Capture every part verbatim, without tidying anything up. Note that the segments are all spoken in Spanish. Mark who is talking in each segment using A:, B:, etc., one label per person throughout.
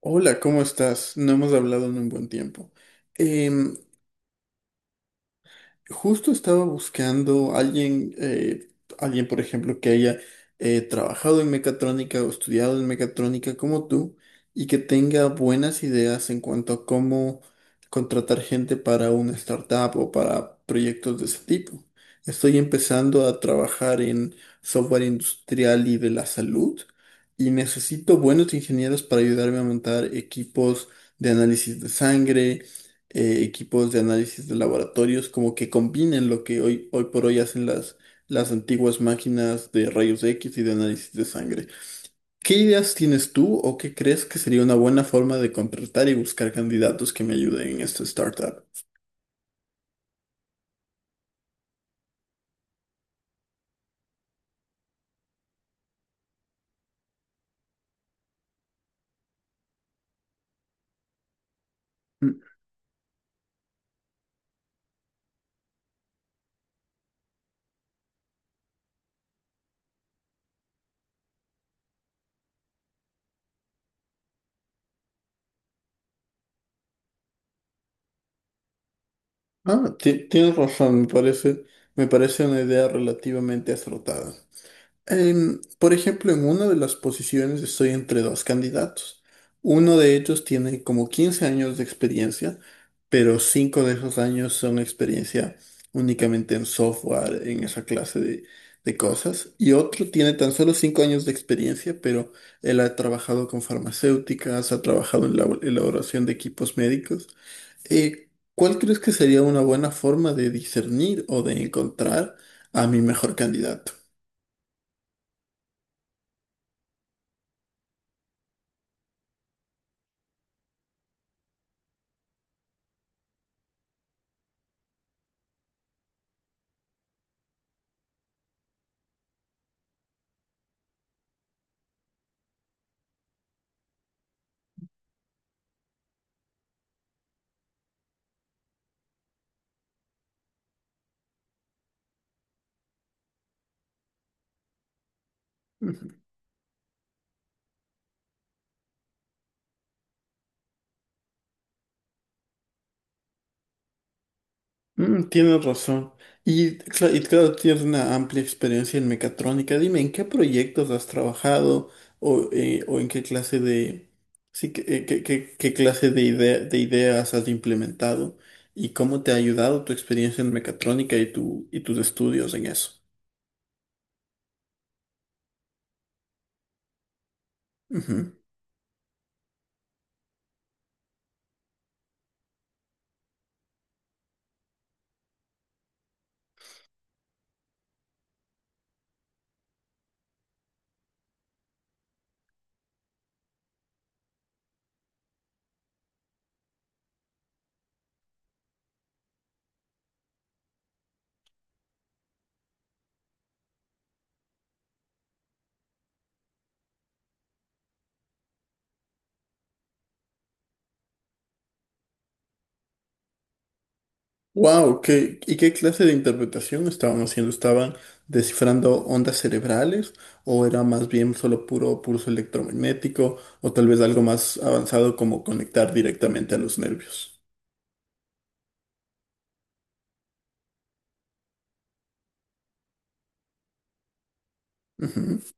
A: Hola, ¿cómo estás? No hemos hablado en un buen tiempo. Em, Justo estaba buscando alguien, eh, alguien, por ejemplo, que haya eh, trabajado en mecatrónica o estudiado en mecatrónica como tú y que tenga buenas ideas en cuanto a cómo contratar gente para una startup o para proyectos de ese tipo. Estoy empezando a trabajar en software industrial y de la salud y necesito buenos ingenieros para ayudarme a montar equipos de análisis de sangre, eh, equipos de análisis de laboratorios, como que combinen lo que hoy, hoy por hoy hacen las, las antiguas máquinas de rayos equis y de análisis de sangre. ¿Qué ideas tienes tú o qué crees que sería una buena forma de contratar y buscar candidatos que me ayuden en esta startup? Mm. Ah, ti- tienes razón, me parece, me parece una idea relativamente acertada. En- por ejemplo, en una de las posiciones estoy entre dos candidatos. Uno de ellos tiene como quince años de experiencia, pero cinco de esos años son experiencia únicamente en software, en esa clase de, de cosas. Y otro tiene tan solo cinco años de experiencia, pero él ha trabajado con farmacéuticas, ha trabajado en la elaboración de equipos médicos. eh, ¿Cuál crees que sería una buena forma de discernir o de encontrar a mi mejor candidato? Mm, tienes razón. Y, cla- y claro, tienes una amplia experiencia en mecatrónica. Dime, ¿en qué proyectos has trabajado o, eh, o en qué clase de, sí, qué, eh, qué- qué- qué clase de idea- de ideas has implementado y cómo te ha ayudado tu experiencia en mecatrónica, y tu, y tus estudios en eso? Wow, ¿qué, y qué clase de interpretación estaban haciendo? ¿Estaban descifrando ondas cerebrales o era más bien solo puro pulso electromagnético o tal vez algo más avanzado como conectar directamente a los nervios? Ujú.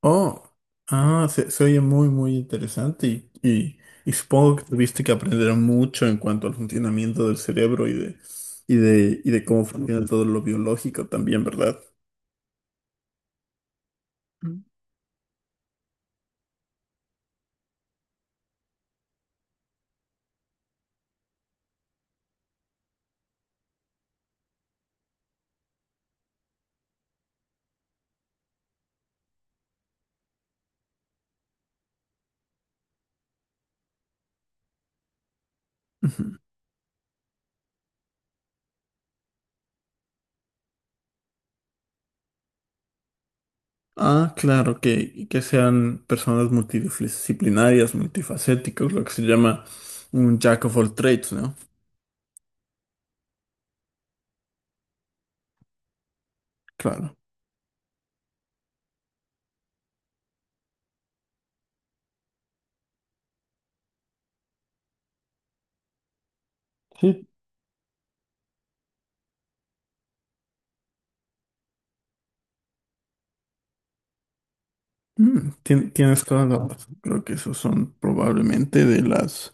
A: Oh, ah, se, se oye muy, muy interesante, y, y, y supongo que tuviste que aprender mucho en cuanto al funcionamiento del cerebro y de, y de, y de cómo funciona todo lo biológico también, ¿verdad? Ujú. Ah, claro, que, que sean personas multidisciplinarias, multifacéticos, lo que se llama un jack of all trades, ¿no? Claro. Sí. Mm, tien- tienes toda la razón. Creo que esos son probablemente de las,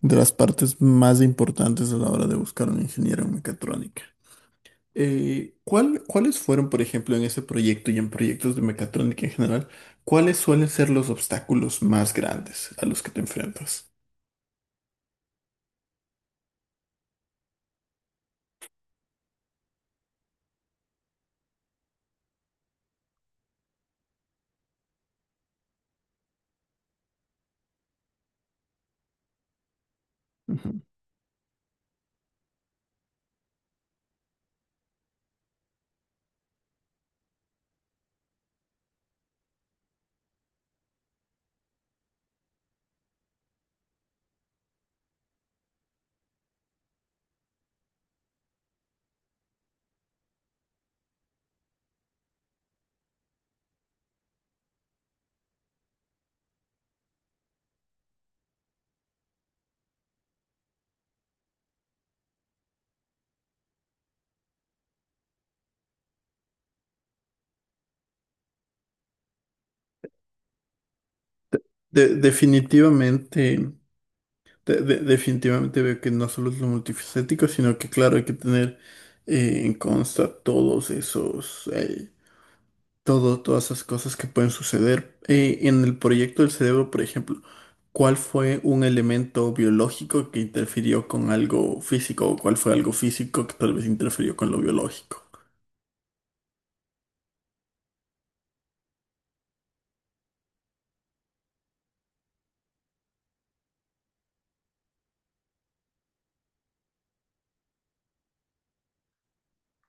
A: de las partes más importantes a la hora de buscar un ingeniero en mecatrónica. Eh, ¿cuál- cuáles fueron, por ejemplo, en ese proyecto y en proyectos de mecatrónica en general, cuáles suelen ser los obstáculos más grandes a los que te enfrentas? Ujú. De- definitivamente. De- de- definitivamente veo que no solo es lo multifacético, sino que claro, hay que tener, eh, en consta todos esos, eh, todo, todas esas cosas que pueden suceder. Eh, en el proyecto del cerebro, por ejemplo, ¿cuál fue un elemento biológico que interfirió con algo físico? ¿O cuál fue algo físico que tal vez interfirió con lo biológico?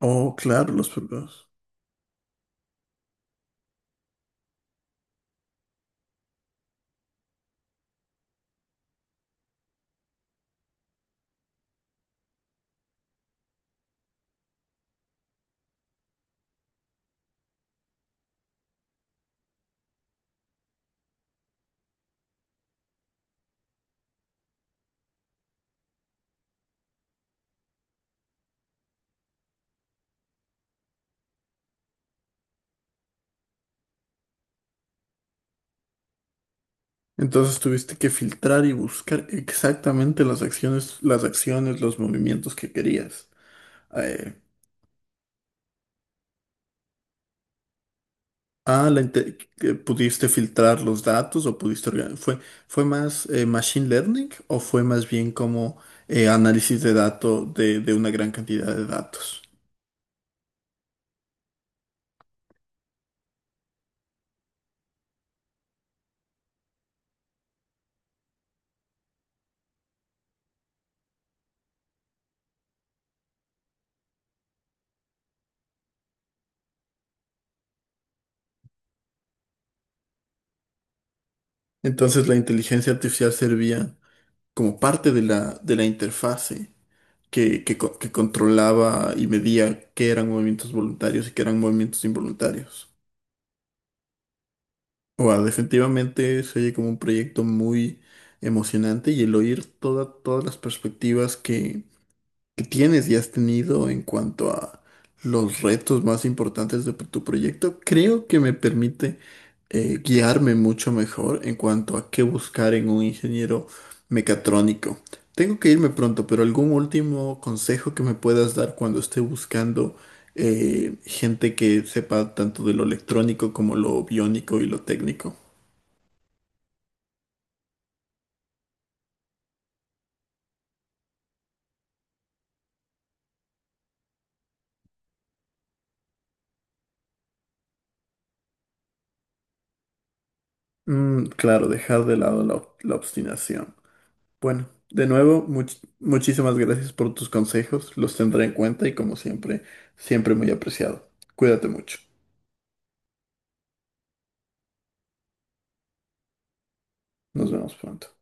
A: Oh, claro, los problemas. Entonces tuviste que filtrar y buscar exactamente las acciones, las acciones, los movimientos que querías. Eh, Ah, la inte- que ¿pudiste filtrar los datos o pudiste organ- ¿Fue, fue más, eh, machine learning, o fue más bien como, eh, análisis de datos de, de una gran cantidad de datos? Entonces la inteligencia artificial servía como parte de la, de la interfase, que, que co- que controlaba y medía qué eran movimientos voluntarios y qué eran movimientos involuntarios. Wow, definitivamente se oye como un proyecto muy emocionante, y el oír toda- todas las perspectivas que que tienes y has tenido en cuanto a los retos más importantes de tu proyecto, creo que me permite, eh, guiarme mucho mejor en cuanto a qué buscar en un ingeniero mecatrónico. Tengo que irme pronto, pero algún último consejo que me puedas dar cuando esté buscando, eh, gente que sepa tanto de lo electrónico como lo biónico y lo técnico. Mm, claro, dejar de lado la ob- la obstinación. Bueno, de nuevo, much- muchísimas gracias por tus consejos. Los tendré en cuenta y como siempre, siempre muy apreciado. Cuídate mucho. Nos vemos pronto.